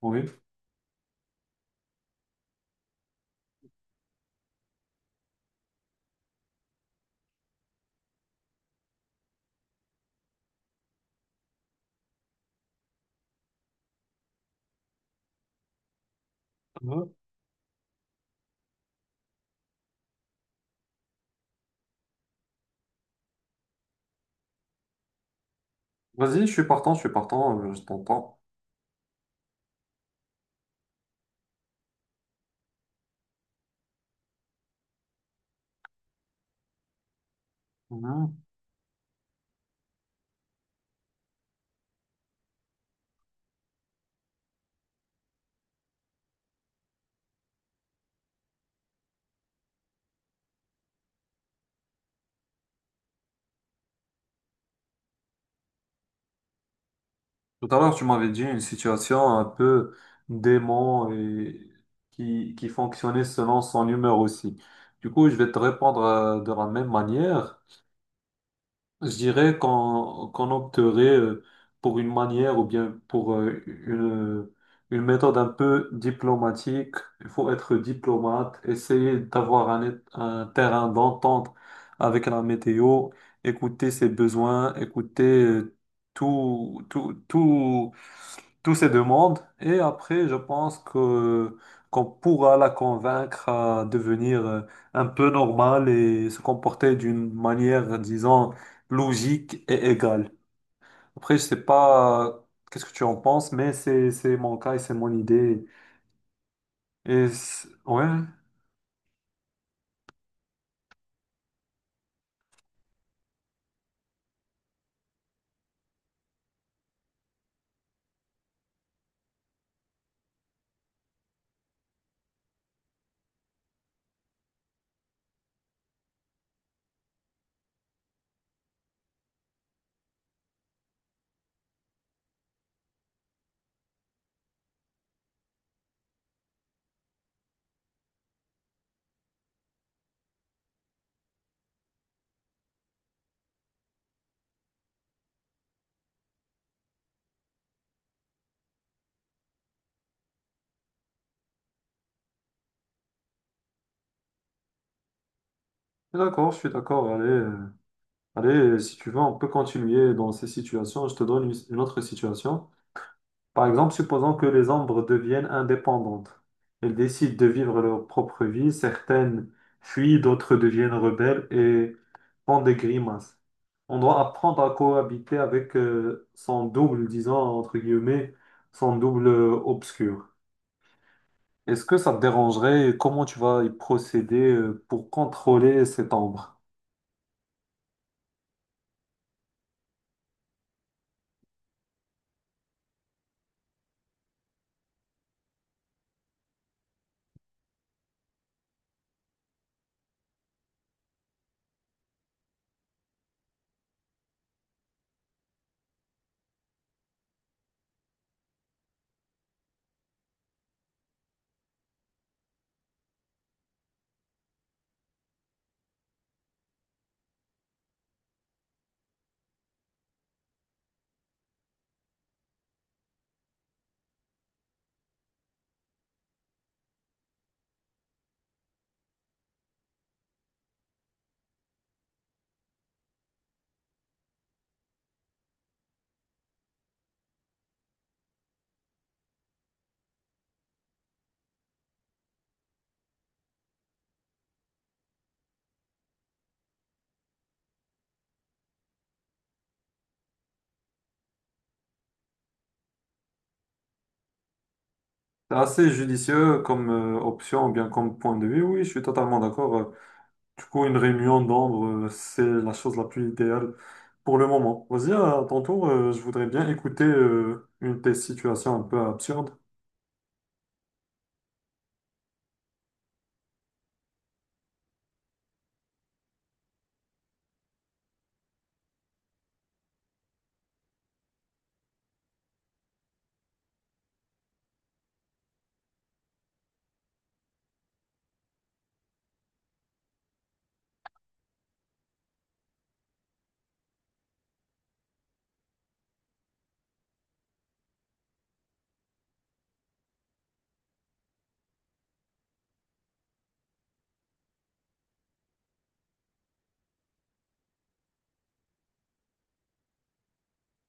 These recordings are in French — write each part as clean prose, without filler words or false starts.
Oui. Ouais. Vas-y, je suis partant, je suis partant, je t'entends. Mhm. Tout à l'heure, tu m'avais dit une situation un peu dément et qui fonctionnait selon son humeur aussi. Du coup, je vais te répondre de la même manière. Je dirais qu'on opterait pour une manière ou bien pour une méthode un peu diplomatique. Il faut être diplomate, essayer d'avoir un terrain d'entente avec la météo, écouter ses besoins, écouter tout, toutes ces demandes et après, je pense que qu'on pourra la convaincre à devenir un peu normale et se comporter d'une manière, disons, logique et égale. Après, je sais pas, qu'est-ce que tu en penses, mais c'est mon cas et c'est mon idée. Ouais, d'accord, je suis d'accord. Allez, allez, si tu veux, on peut continuer dans ces situations. Je te donne une autre situation. Par exemple, supposons que les ombres deviennent indépendantes. Elles décident de vivre leur propre vie, certaines fuient, d'autres deviennent rebelles et font des grimaces. On doit apprendre à cohabiter avec son double, disons entre guillemets, son double obscur. Est-ce que ça te dérangerait et comment tu vas y procéder pour contrôler cette ombre? C'est assez judicieux comme option ou bien comme point de vue. Oui, je suis totalement d'accord. Du coup, une réunion d'ombre, c'est la chose la plus idéale pour le moment. Vas-y, à ton tour, je voudrais bien écouter une de tes situations un peu absurdes.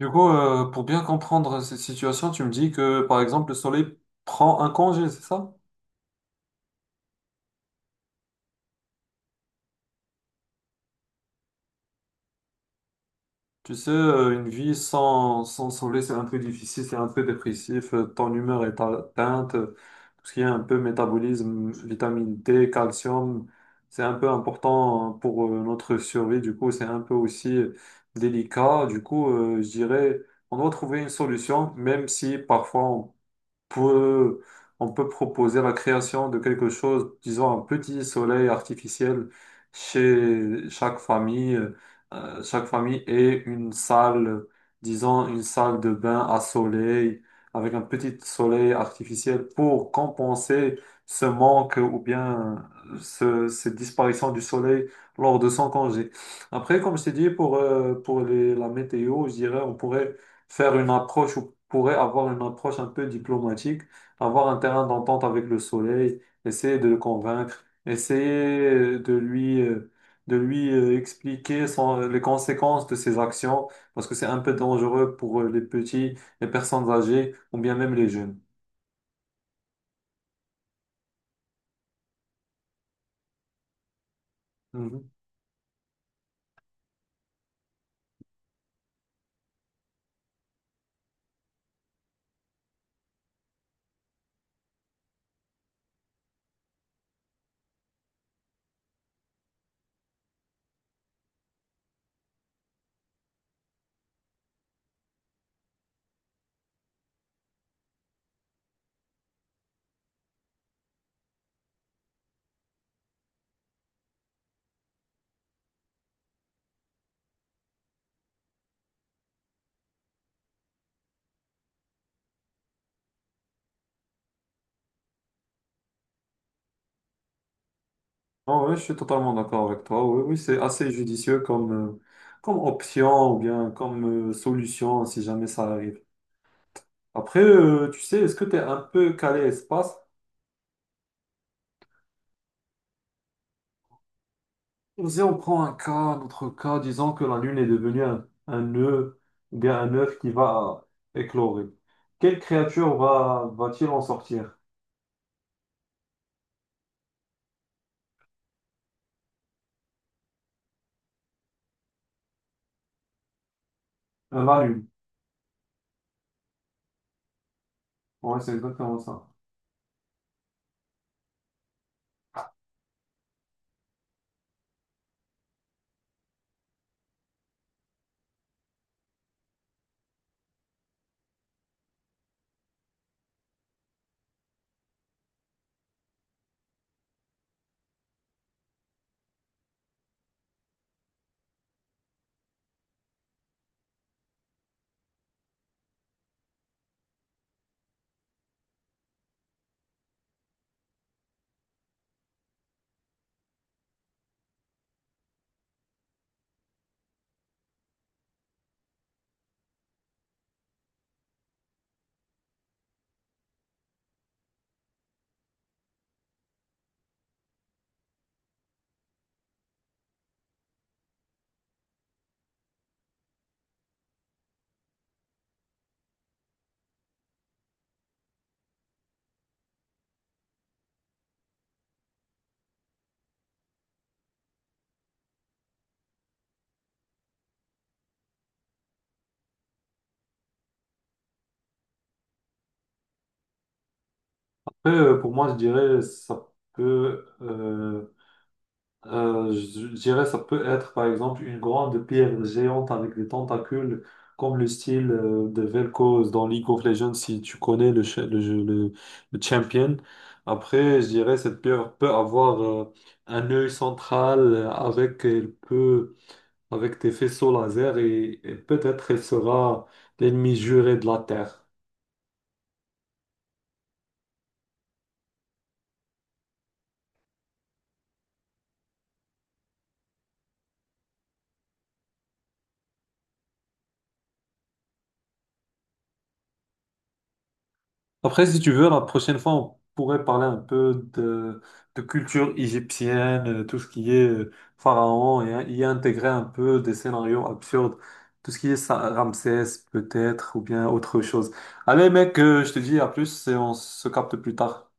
Du coup, pour bien comprendre cette situation, tu me dis que, par exemple, le soleil prend un congé, c'est ça? Tu sais, une vie sans, sans soleil, c'est un peu difficile, c'est un peu dépressif, ton humeur est atteinte, tout ce qui est un peu métabolisme, vitamine D, calcium, c'est un peu important pour notre survie, du coup, c'est un peu aussi délicat, du coup, je dirais, on doit trouver une solution, même si parfois peut, on peut proposer la création de quelque chose, disons un petit soleil artificiel chez chaque famille. Chaque famille et une salle, disons une salle de bain à soleil, avec un petit soleil artificiel pour compenser ce manque ou bien cette disparition du soleil lors de son congé. Après, comme je t'ai dit, pour la météo, je dirais, on pourrait faire une approche ou pourrait avoir une approche un peu diplomatique, avoir un terrain d'entente avec le soleil, essayer de le convaincre, essayer de lui expliquer les conséquences de ses actions, parce que c'est un peu dangereux pour les petits, les personnes âgées ou bien même les jeunes. Mhm. Ah ouais, je suis totalement d'accord avec toi. Oui, oui, c'est assez judicieux comme comme option ou bien comme solution si jamais ça arrive. Après, tu sais, est-ce que tu es un peu calé espace? Si on prend un cas, notre cas, disons que la Lune est devenue un nœud, ou bien un œuf qui va éclorer. Quelle créature va, va-t-il en sortir? La Lune. Ouais, c'est exactement ça. Après, pour moi, je dirais, ça peut je dirais ça peut être par exemple une grande pierre géante avec des tentacules comme le style de Vel'Koz dans League of Legends si tu connais le, cha- le, jeu- le champion. Après, je dirais cette pierre peut avoir un œil central avec elle peut avec des faisceaux laser et peut-être elle sera l'ennemi juré de la Terre. Après, si tu veux, la prochaine fois, on pourrait parler un peu de culture égyptienne, tout ce qui est pharaon, et y intégrer un peu des scénarios absurdes, tout ce qui est Ramsès peut-être, ou bien autre chose. Allez, mec, je te dis à plus et on se capte plus tard.